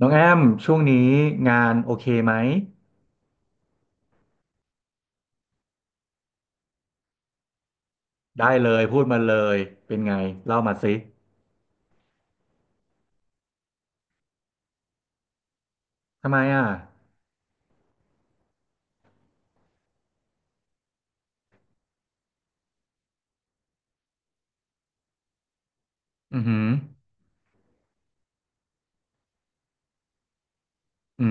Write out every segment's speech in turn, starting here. น้องแอมช่วงนี้งานโอเคไหมได้เลยพูดมาเลยเป็นไงเล่ามาสิทำไมอ่ะอือหืออื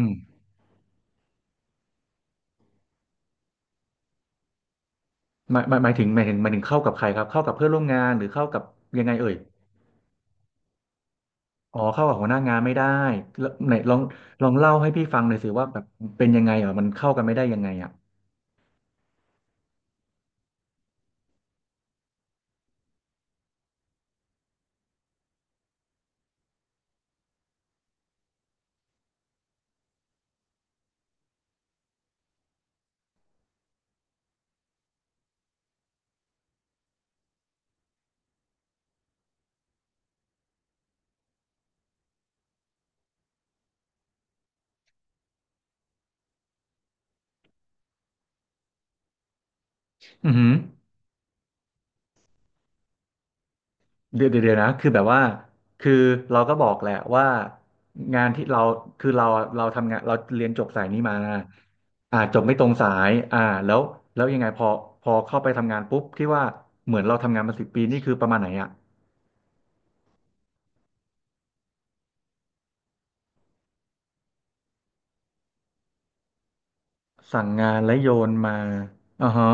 มหมายหมายหมายถึงหมายถึงหมายถึงเข้ากับใครครับเข้ากับเพื่อนร่วมงานหรือเข้ากับยังไงเอ่ยอ๋อเข้ากับหัวหน้างานไม่ได้แล้วไหนลองเล่าให้พี่ฟังหน่อยสิว่าแบบเป็นยังไงอ่ะมันเข้ากันไม่ได้ยังไงอ่ะอือหือ เดี๋ยวเดี๋ยวเดี๋ยวนะคือแบบว่าคือเราก็บอกแหละว่างานที่เราคือเราทำงานเราเรียนจบสายนี้มาอ่าจบไม่ตรงสายอ่าแล้วแล้วยังไงพอเข้าไปทำงานปุ๊บที่ว่าเหมือนเราทำงานมา10 ปีนี่คือประมาณไหนอะสั่งงานและโยนมาอ่าฮะ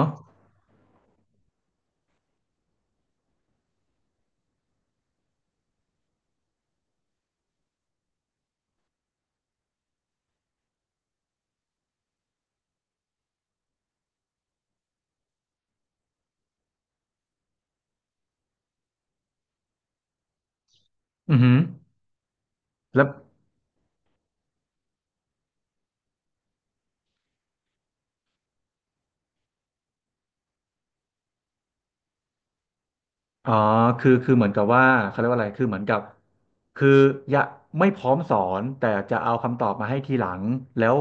อือฮึแล้ว อ๋อคือเหมือนกับว่าเขาเรียกว่าอะไรคือเหมือนกับคืออย่าไม่พร้อมสอนแต่จะเอาคำตอบมาให้ทีหลังแล้ว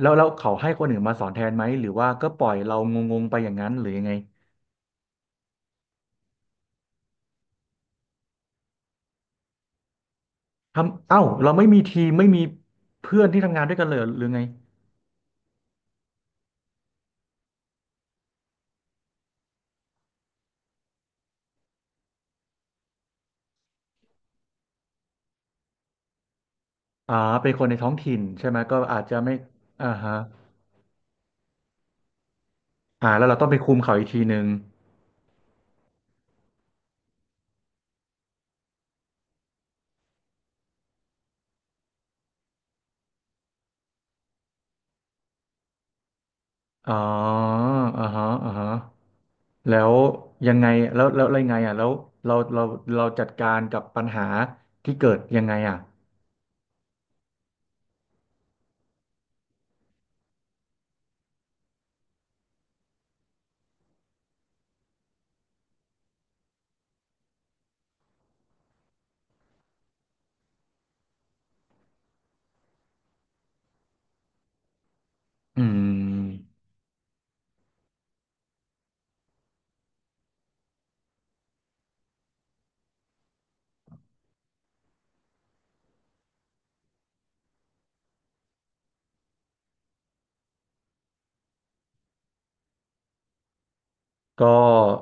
แล้วเขาให้คนอื่นมาสอนแทนไหมหรือว่าก็ปล่อยเรางงๆไปอย่างนั้นหรือยังไงเอ้าเราไม่มีทีมไม่มีเพื่อนที่ทำงานด้วยกันเลยหรือไงอ่าเป็นคนในท้องถิ่นใช่ไหมก็อาจจะไม่อ่าฮะอ่าแล้วเราต้องไปคุมเขาอีกทีหนึ่งอ๋ออ่าฮะอ่าฮะ แล้วยังไงแล้วแลไรไงอ่ะแล้วเราเราเราจัดการกับปัญหาที่เกิดยังไงอ่ะอืม ก็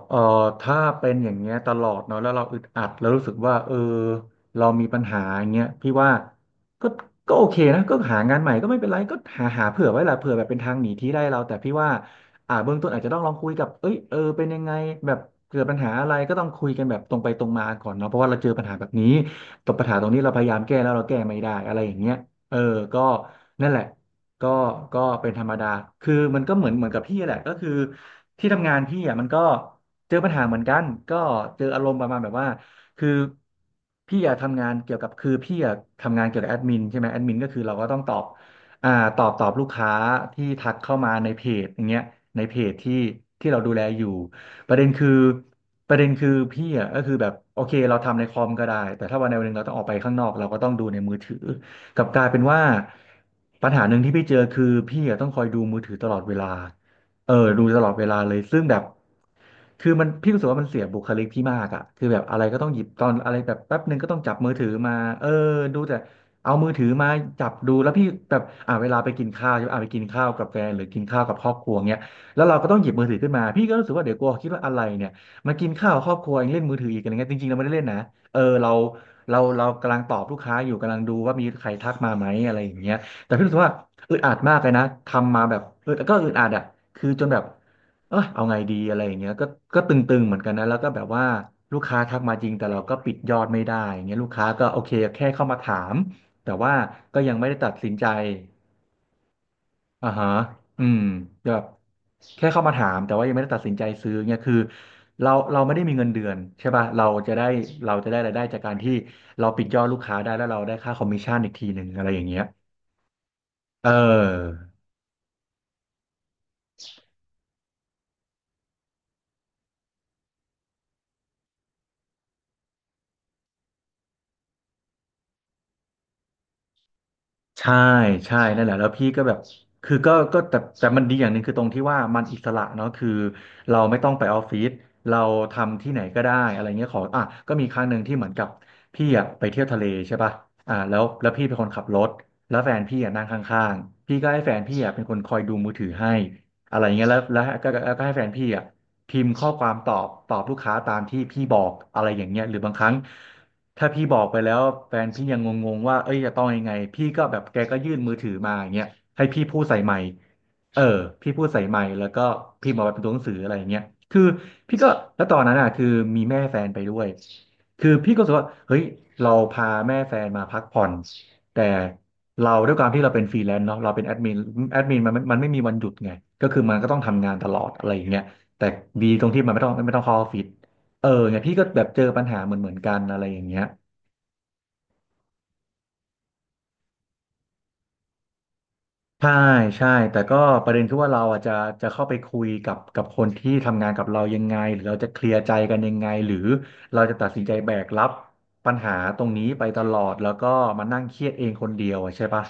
เอ่อถ้าเป็นอย่างเงี้ยตลอดเนาะแล้วเราอึดอัดแล้วรู้สึกว่าเออเรามีปัญหาอย่างเงี้ยพี่ว่าก็ก็โอเคนะก็หางานใหม่ก็ไม่เป็นไรก็หาเผื่อไว้หละเผื่อแบบเป็นทางหนีที่ได้เราแต่พี่ว่าเบื้องต้นอาจจะต้องลองคุยกับเอ้ยเออเป็นยังไงแบบเกิดปัญหาอะไรก็ต้องคุยกันแบบตรงไปตรงมาก่อนเนาะเพราะว่าเราเจอปัญหาแบบนี้ตบปัญหาตรงนี้เราพยายามแก้แล้วเราแก้ไม่ได้อะไรอย่างเงี้ยเออก็นั่นแหละ ก็ก็เป็นธรรมดา คือมันก็เหมือนกับพี่แหละก็คือที่ทำงานพี่อ่ะมันก็เจอปัญหาเหมือนกันก็เจออารมณ์ประมาณแบบว่าคือพี่อ่ะทำงานเกี่ยวกับคือพี่อ่ะทำงานเกี่ยวกับแอดมินใช่ไหมแอดมินก็คือเราก็ต้องอ่าตอบลูกค้าที่ทักเข้ามาในเพจอย่างเงี้ยในเพจที่เราดูแลอยู่ ประเด็นคือประเด็นคือพี่อ่ะก็คือแบบโอเคเราทำในคอมก็ได้แต่ถ้าวันใดวันหนึ่งเราต้องออกไปข้างนอกเราก็ต้องดูในมือถือ กลับกลายเป็นว่าปัญหาหนึ่งที่พี่เจอคือพี่อะต้องคอยดูมือถือตลอดเวลาดูตลอดเวลาเลยซึ่งแบบคือมันพี่รู้สึกว่ามันเสียบุคลิกพี่มากอะคือแบบอะไรก็ต้องหยิบตอนอะไรแบบแป๊บหนึ่งก็ต้องจับมือถือมาเออดูแต่เอามือถือมาจับดูแล้วพี่แบบเวลาไปกินข้าวใช่ไหมไปกินข้าวกับแฟนหรือกินข้าวกับครอบครัวเงี้ยแล้วเราก็ต้องหยิบมือถือขึ้นมาพี่ก็รู้สึกว่าเดี๋ยวกลัวคิดว่าอะไรเนี่ยมากินข้าวกับครอบครัวเองเล่นมือถืออีกอะไรเงี้ยจริงๆเราไม่ได้เล่นนะ เออเราเรากำลังตอบลูกค้าอยู่กำลังดูว่ามีใครทักมาไหมอะไรอย่างเงี้ยแต่พี่รู้สึกว่าอึดอัดมากเลยนะทำมาแบบก็อึดอัดอ่ะคือจนแบบเอาไงดีอะไรอย่างเงี้ยก็ตึงๆเหมือนกันนะแล้วก็แบบว่าลูกค้าทักมาจริงแต่เราก็ปิดยอดไม่ได้อย่างเงี้ยลูกค้าก็โอเคแค่เข้ามาถามแต่ว่าก็ยังไม่ได้ตัดสินใจ อ่าฮะอืมแบบแค่เข้ามาถามแต่ว่ายังไม่ได้ตัดสินใจซื้อเนี่ยคือเราไม่ได้มีเงินเดือนใช่ป่ะเราจะได้รายได้จากการที่เราปิดยอดลูกค้าได้แล้วเราได้ค่าคอมมิชชั่นอีกทีหนึ่งอะไรอย่างเงี้ยเออ ใช่ใช่นั่นแหละแล้วพี่ก็แบบคือก็แต่มันดีอย่างหนึ่งคือตรงที่ว่ามันอิสระเนาะคือเราไม่ต้องไปออฟฟิศเราทำที่ไหนก็ได้อะไรเงี้ยขออ่ะก็มีครั้งหนึ่งที่เหมือนกับพี่อ่ะไปเที่ยวทะเลใช่ป่ะแล้วพี่เป็นคนขับรถแล้วแฟนพี่อ่ะนั่งข้างๆพี่ก็ให้แฟนพี่อ่ะเป็นคนคอยดูมือถือให้อะไรเงี้ยแล้วก็ให้แฟนพี่อ่ะ พิมพ์ข้อความตอบลูกค้าตามที่พี่บอกอะไรอย่างเงี้ยหรือบางครั้งถ้าพี่บอกไปแล้วแฟนพี่ยังงงๆว่าเอ้ยจะต้องยังไงพี่ก็แบบแกก็ยื่นมือถือมาอย่างเงี้ยให้พี่พูดใส่ไมค์เออพี่พูดใส่ไมค์แล้วก็พิมพ์ออกมาเป็นตัวหนังสืออะไรอย่างเงี้ยคือพี่ก็แล้วตอนนั้นอ่ะคือมีแม่แฟนไปด้วยคือพี่ก็รู้สึกว่าเฮ้ยเราพาแม่แฟนมาพักผ่อนแต่เราด้วยความที่เราเป็นฟรีแลนซ์เนาะเราเป็นแอดมินแอดมินมันไม่มีวันหยุดไงก็คือมันก็ต้องทำงานตลอดอะไรอย่างเงี้ย แต่ดีตรงที่มันไม่ต้องเข้าออฟฟิศเออเนี่ยพี่ก็แบบเจอปัญหาเหมือนกันอะไรอย่างเงี้ยใช่ใช่แต่ก็ประเด็นคือว่าเราอาจจะจะเข้าไปคุยกับคนที่ทำงานกับเรายังไงหรือเราจะเคลียร์ใจกันยังไงหรือเราจะตัดสินใจแบกรับปัญหาตรงนี้ไปตลอดแล้วก็มานั่งเครียดเองคนเดียวอะใช่ปะ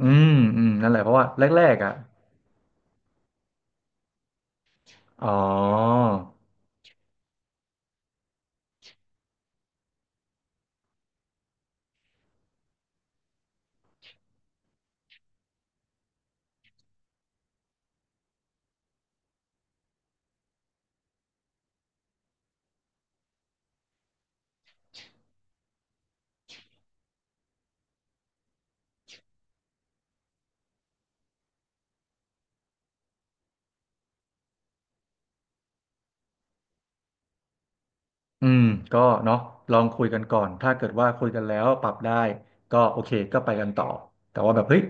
อืมอืมนั่นแหละเพราะว่าแรกๆอ่ะอ๋อ อืมก็เนาะลองคุยกันก่อนถ้าเกิดว่าคุยกันแล้วปรับได้ก็โอเคก็ไปกันต่อแต่ว่าแบบเฮ้ย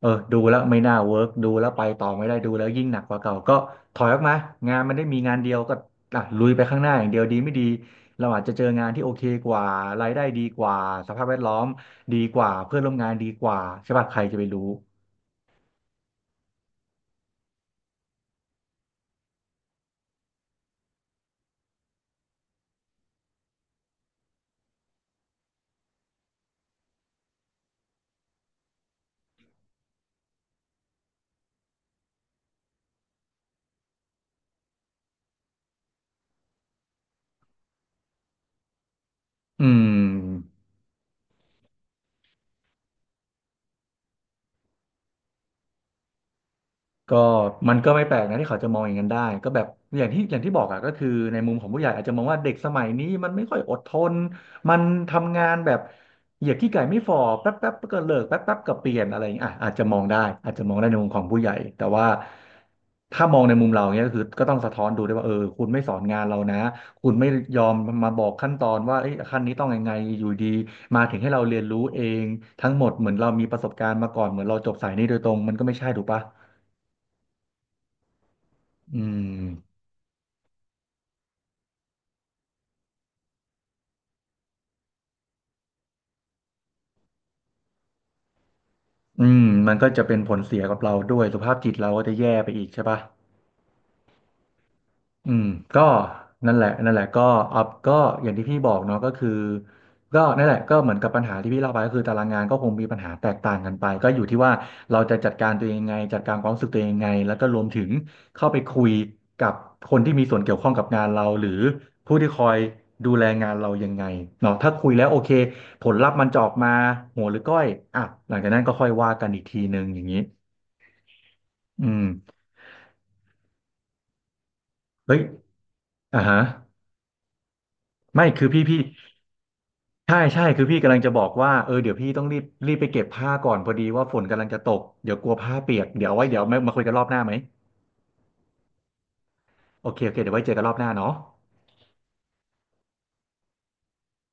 เออดูแล้วไม่น่าเวิร์กดูแล้วไปต่อไม่ได้ดูแล้วยิ่งหนักกว่าเก่าก็ถอยออกมางานมันได้มีงานเดียวก็อ่ะลุยไปข้างหน้าอย่างเดียวดีไม่ดีเราอาจจะเจองานที่โอเคกว่ารายได้ดีกว่าสภาพแวดล้อมดีกว่าเพื่อนร่วมงานดีกว่าใช่ป่ะใครจะไปรู้อืม ก็มันก็ไม่แปลกนะที่เขาจะมองอย่างนั้นได้ก็แบบอย่างที่บอกอะก็คือในมุมของผู้ใหญ่อาจจะมองว่าเด็กสมัยนี้มันไม่ค่อยอดทนมันทำงานแบบเหยียบขี้ไก่ไม่ฝ่อแป๊บแป๊บก็เลิกแป๊บแป๊บก็เปลี่ยนอะไรอย่างเงี้ยอ่ะอาจจะมองได้อาจจะมองได้ในมุมของผู้ใหญ่แต่ว่าถ้ามองในมุมเราเนี้ยก็คือก็ต้องสะท้อนดูด้วยว่าเออคุณไม่สอนงานเรานะคุณไม่ยอมมาบอกขั้นตอนว่าเอ้ยขั้นนี้ต้องยังไงอยู่ดีมาถึงให้เราเรียนรู้เองทั้งหมดเหมือนเรามีประสบการณ์มาก่อนเหมือนเราจบสายนี้โดยตรงมันก็ไม่ใช่ถูกปะ อืมอืมมันก็จะเป็นผลเสียกับเราด้วยสุขภาพจิตเราก็จะแย่ไปอีกใช่ปะ อืมก็นั่นแหละก็อัพก็อย่างที่พี่บอกเนาะก็คือก็นั่นแหละก็เหมือนกับปัญหาที่พี่เล่าไปก็คือตารางงานก็คงมีปัญหาแตกต่างกันไปก็อยู่ที่ว่าเราจะจัดการตัวเองยังไงจัดการความรู้สึกตัวเองยังไงแล้วก็รวมถึงเข้าไปคุยกับคนที่มีส่วนเกี่ยวข้องกับงานเราหรือผู้ที่คอยดูแลงานเรายังไงเนาะถ้าคุยแล้วโอเคผลลัพธ์มันจะออกมาหัวหรือก้อยอ่ะหลังจากนั้นก็ค่อยว่ากันอีกทีหนึ่งอย่างนี้อืมเฮ้ยอ่าฮะไม่คือพี่ ใช่ใช่คือพี่กำลังจะบอกว่าเออเดี๋ยวพี่ต้องรีบไปเก็บผ้าก่อนพอดีว่าฝนกำลังจะตกเดี๋ยวกลัวผ้าเปียกเดี๋ยวเอาไว้เดี๋ยวมาคุยกันรอบหน้าไหมโอเคโอเคเดี๋ยวไว้เจอกันรอบหน้าเนาะ